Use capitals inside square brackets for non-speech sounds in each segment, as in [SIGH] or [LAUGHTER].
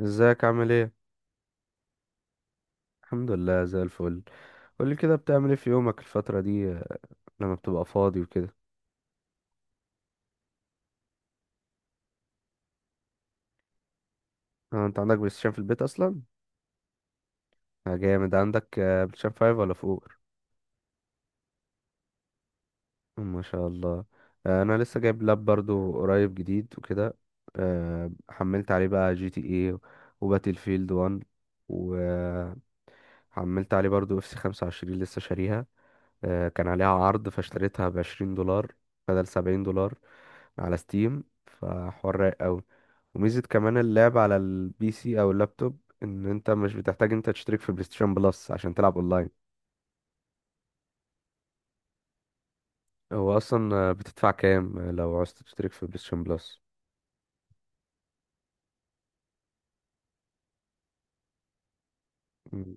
ازيك؟ عامل ايه؟ الحمد لله زي الفل. قولي كده، بتعمل ايه في يومك الفترة دي؟ لما بتبقى فاضي وكده؟ انت عندك بلاي ستيشن في البيت اصلا؟ جامد. عندك بلاي ستيشن 5 ولا فوق؟ ما شاء الله. انا لسه جايب لاب برضو قريب جديد وكده. حملت عليه بقى جي تي اي وباتل فيلد 1. وحملت عليه برضو اف سي 25 لسه شاريها. كان عليها عرض فاشتريتها بـ20 دولار بدل 70 دولار على ستيم، فحوار رايق أوي. وميزة كمان اللعب على البي سي أو اللابتوب إن أنت مش بتحتاج أنت تشترك في بلايستيشن بلس عشان تلعب أونلاين. هو أصلا بتدفع كام لو عاوز تشترك في بلايستيشن بلس؟ مم.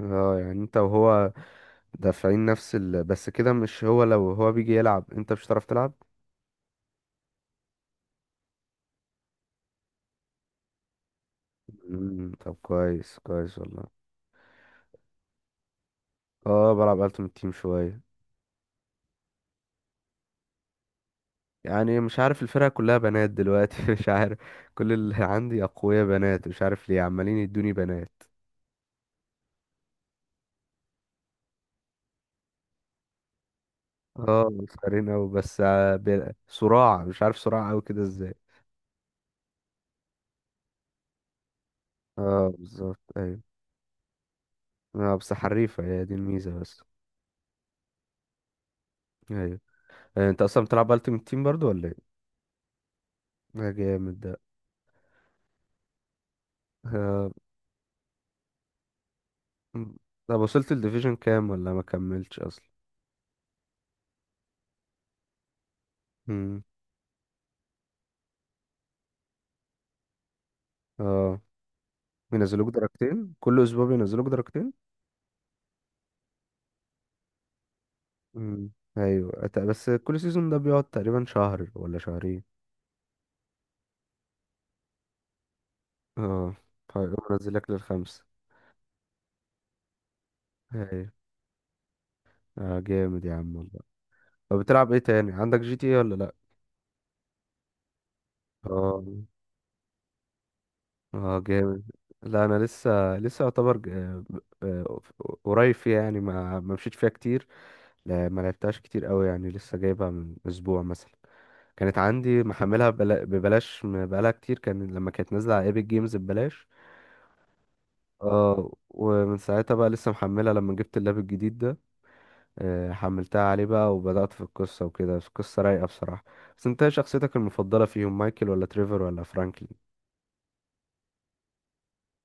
اه، يعني انت وهو دافعين نفس بس كده، مش هو؟ لو هو بيجي يلعب انت مش هتعرف تلعب. مم، طب كويس كويس والله. اه، بلعب التيم تيم شوية. يعني مش عارف، الفرقة كلها بنات دلوقتي [LAUGHS] مش عارف. كل اللي عندي أقوياء بنات، مش عارف ليه عمالين يدوني بنات. اه، صغيرين أوي، بس صراع مش عارف، صراع أوي كده ازاي. اه، بالظبط، أيوة. اه، بس حريفة، هي دي الميزة بس. أيوة. أنت أصلا بتلعب ألتيمت تيم برضو ولا ايه؟ ده جامد ده. آه. م. طب وصلت الديفيجن كام ولا ما كملتش أصلا؟ مم. اه، بينزلوك درجتين كل أسبوع، بينزلوك درجتين. مم. ايوه، بس كل سيزون ده بيقعد تقريبا شهر ولا شهرين. اه، فيقوم منزلك للخمسة. ايوه. اه، جامد يا عم والله. طب بتلعب ايه تاني؟ عندك جي تي ايه ولا لا؟ اه. اه، جامد. لا، انا لسه يعتبر آه، قريب فيها، يعني ما مشيت فيها كتير. لا، ما لعبتهاش كتير قوي، يعني لسه جايبها من اسبوع مثلا. كانت عندي محملها ببلاش، بقالها كتير، كان لما كانت نازله على ايبك جيمز ببلاش. اه، ومن ساعتها بقى لسه محملها لما جبت اللاب الجديد ده. حملتها عليه بقى وبدأت في القصة وكده، القصة رايقة بصراحة. بس انت ايه شخصيتك المفضلة فيهم؟ مايكل ولا تريفر ولا فرانكلين؟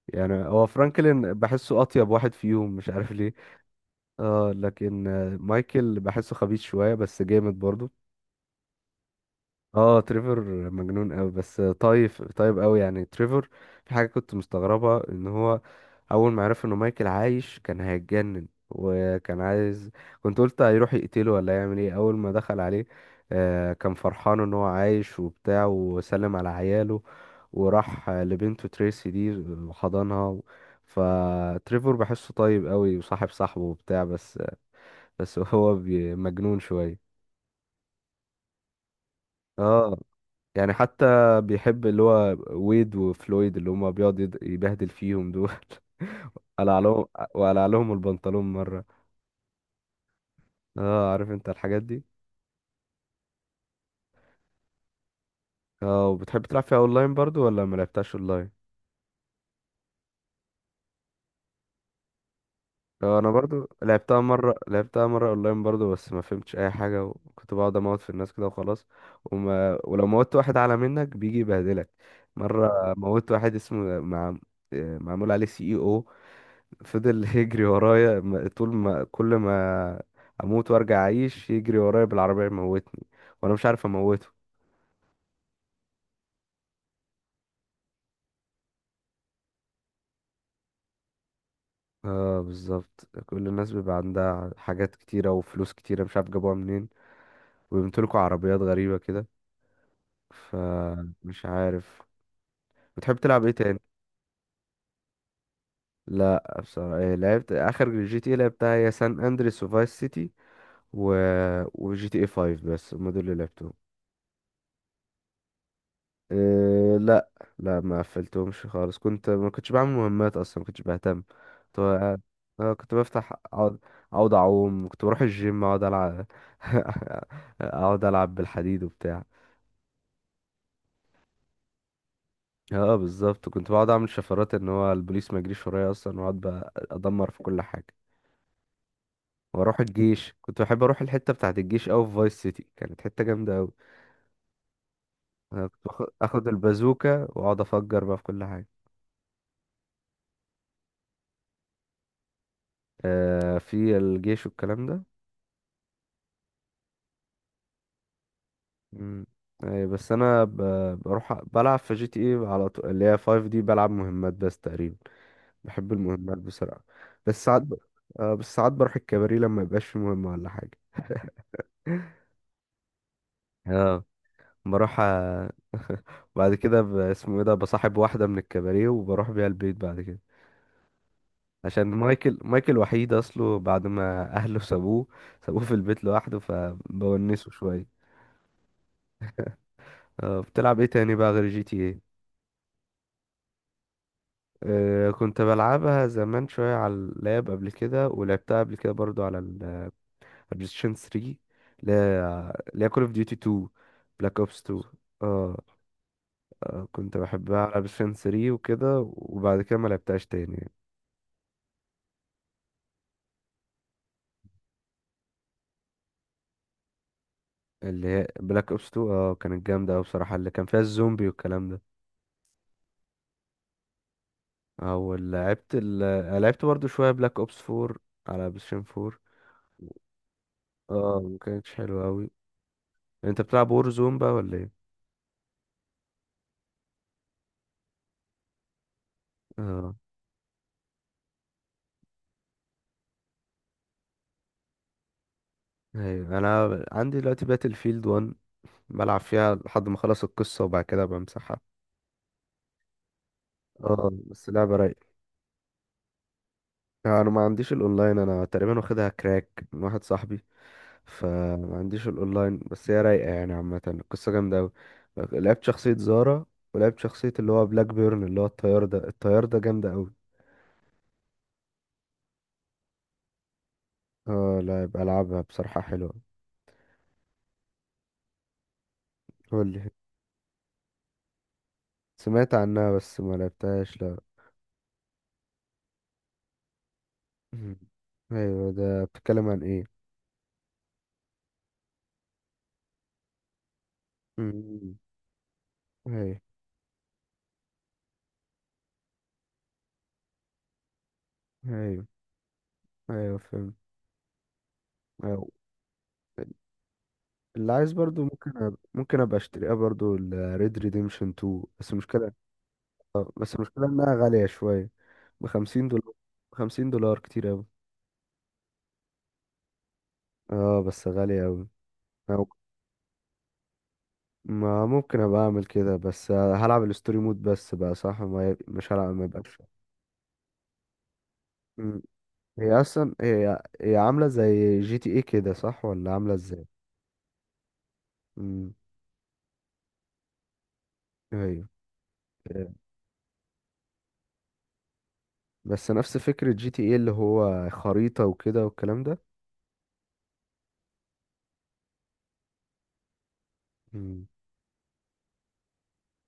يعني هو فرانكلين بحسه أطيب واحد فيهم، مش عارف ليه. اه، لكن مايكل بحسه خبيث شوية بس جامد برضه. اه، تريفر مجنون قوي، بس طايف طيب قوي يعني تريفر. في حاجه كنت مستغربها، ان هو اول ما عرف انه مايكل عايش كان هيتجنن وكان عايز، كنت قلت هيروح يقتله ولا يعمل ايه اول ما دخل عليه. كان فرحان ان هو عايش وبتاع وسلم على عياله، وراح لبنته تريسي دي وحضنها. فتريفر بحسه طيب قوي وصاحب صاحبه وبتاع، بس هو مجنون شويه. اه، يعني حتى بيحب اللي هو ويد وفلويد، اللي هما بيقعد يبهدل فيهم دول [LAUGHS] قلع لهم، وقلع لهم البنطلون مرة. اه، عارف انت الحاجات دي. اه، وبتحب تلعب فيها اونلاين برضو ولا ما لعبتهاش اونلاين؟ اه، انا برضو لعبتها مرة اونلاين برضو، بس ما فهمتش اي حاجة وكنت بقعد اموت في الناس كده وخلاص. وما ولو موت واحد اعلى منك بيجي يبهدلك مرة. موت واحد اسمه مع... آه، معمول عليه سي اي او، فضل [LAUGHS] يجري ورايا، طول ما، كل ما اموت وارجع اعيش يجري ورايا بالعربية يموتني، وانا مش عارف اموته. اه، بالظبط، كل الناس بيبقى عندها حاجات كتيرة وفلوس كتيرة مش عارف جابوها منين، وبيمتلكوا عربيات غريبة كده، فمش عارف. بتحب تلعب ايه تاني؟ لا، بصراحة إيه، لعبت اخر جي تي إيه لعبتها هي سان اندريس وفايس سيتي و... وجي تي اي 5، بس هم دول اللي لعبتهم. إيه؟ لا. لا، ما قفلتهمش خالص، ما كنتش بعمل مهمات اصلا، ما كنتش بهتم، كنت بقى- كنت بفتح اقعد اعوم، كنت بروح الجيم اقعد العب [LAUGHS] اقعد العب بالحديد وبتاع. اه، بالظبط، كنت بقعد اعمل شفرات ان هو البوليس ما يجريش ورايا اصلا، واقعد بقى ادمر في كل حاجه. واروح الجيش، كنت بحب اروح الحته بتاعه الجيش اوي في فايس سيتي، كانت حته جامده اوي. أنا كنت اخد البازوكه واقعد افجر بقى في كل حاجه. في الجيش والكلام ده. مم. اي، بس انا بروح بلعب في جي تي اي على طول اللي هي 5 دي، بلعب مهمات بس تقريبا. بحب المهمات بسرعة. بس ساعات بس ساعات بروح الكباري لما يبقاش في مهمة ولا حاجة [LAUGHS] اه، بروح بعد كده اسمه ايه ده، بصاحب واحدة من الكباري وبروح بيها البيت بعد كده. عشان مايكل وحيد اصله، بعد ما اهله سابوه في البيت لوحده، فبونسه شوية. بتلعب ايه تاني بقى غير جي تي إيه؟ كنت بلعبها زمان شوية على اللاب قبل كده، ولعبتها قبل كده برضو على البلايستيشن 3، اللي هي كول اوف ديوتي 2، بلاك اوبس 2. اه. كنت بحبها على بلايستيشن 3 وكده، وبعد كده ما لعبتهاش تاني. اللي هي بلاك اوبس 2، اه، كانت جامدة أوي بصراحة، اللي كان فيها الزومبي والكلام ده. او لعبت ال... آه، لعبت برضو شوية بلاك اوبس 4 على بلايستيشن 4. اه، ما كانتش حلوة أوي. انت بتلعب وور زون بقى ولا ايه؟ اه، ايوه، انا عندي دلوقتي باتل فيلد 1، بلعب فيها لحد ما اخلص القصه وبعد كده بمسحها. اه، بس لعبه رايقه. انا ما عنديش الاونلاين، انا تقريبا واخدها كراك من واحد صاحبي، فما عنديش الاونلاين، بس هي رايقه يعني، عامه القصه جامده قوي. لعبت شخصيه زارا، ولعبت شخصيه اللي هو بلاك بيرن، اللي هو الطيار ده جامده قوي. اه، لا، يبقى العبها بصراحه، حلوه. قول لي. سمعت عنها بس ما لعبتهاش، لا. مم. ايوه، ده بتتكلم عن ايه؟ مم. ايوه. ايوه، ايوه فهمت. أيوة. اللي عايز برضو، ممكن ابقى اشتريها برضو ال Red Redemption 2، بس المشكلة. اه، بس المشكلة انها غالية شوية، بـ50 دولار. بـ50 دولار كتير اوي. اه، بس غالية اوي. أو- ما ممكن ابقى اعمل كده، بس هلعب الستوري مود بس بقى، صح، ما ي... مش هلعب ما يبقاش. مم. هي اصلا هي عاملة زي جي تي ايه كده، صح؟ ولا عاملة ازاي؟ مم. ايوه. آه، بس نفس فكرة جي تي ايه، اللي هو خريطة وكده والكلام ده. مم.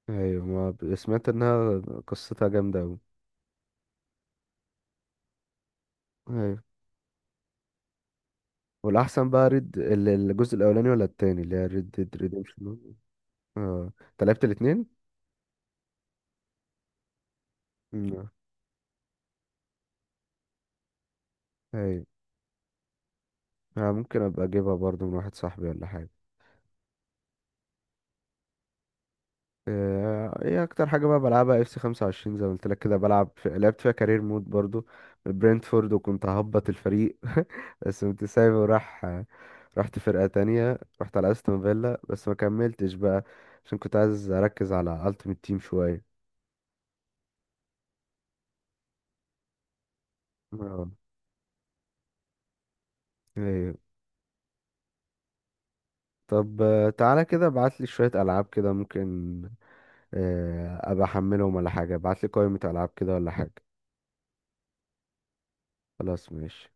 ايوه، ما ب- سمعت انها قصتها جامده اوي. ايوه، والاحسن بقى الجزء الاولاني ولا التاني؟ اللي هي ريد ديد ريديمشن. اه، انت لعبت الاتنين؟ مم. ايوه. ممكن ابقى اجيبها برضو من واحد صاحبي ولا حاجه. ايه اكتر حاجه بقى بلعبها؟ اف سي 25، زي ما قلت لك كده، بلعب لعبت فيها كارير مود برضو. برينتفورد وكنت ههبط الفريق [LAUGHS] بس كنت سايبه وراح. رحت فرقه تانية، رحت على استون فيلا، بس ما كملتش بقى، عشان كنت عايز اركز على التيمت تيم شويه. اه، ايوه. طب، تعالى كده ابعت لي شوية ألعاب كده، ممكن. ابقى احملهم ولا حاجة، ابعت لي قائمة ألعاب كده ولا حاجة. خلاص، ماشي.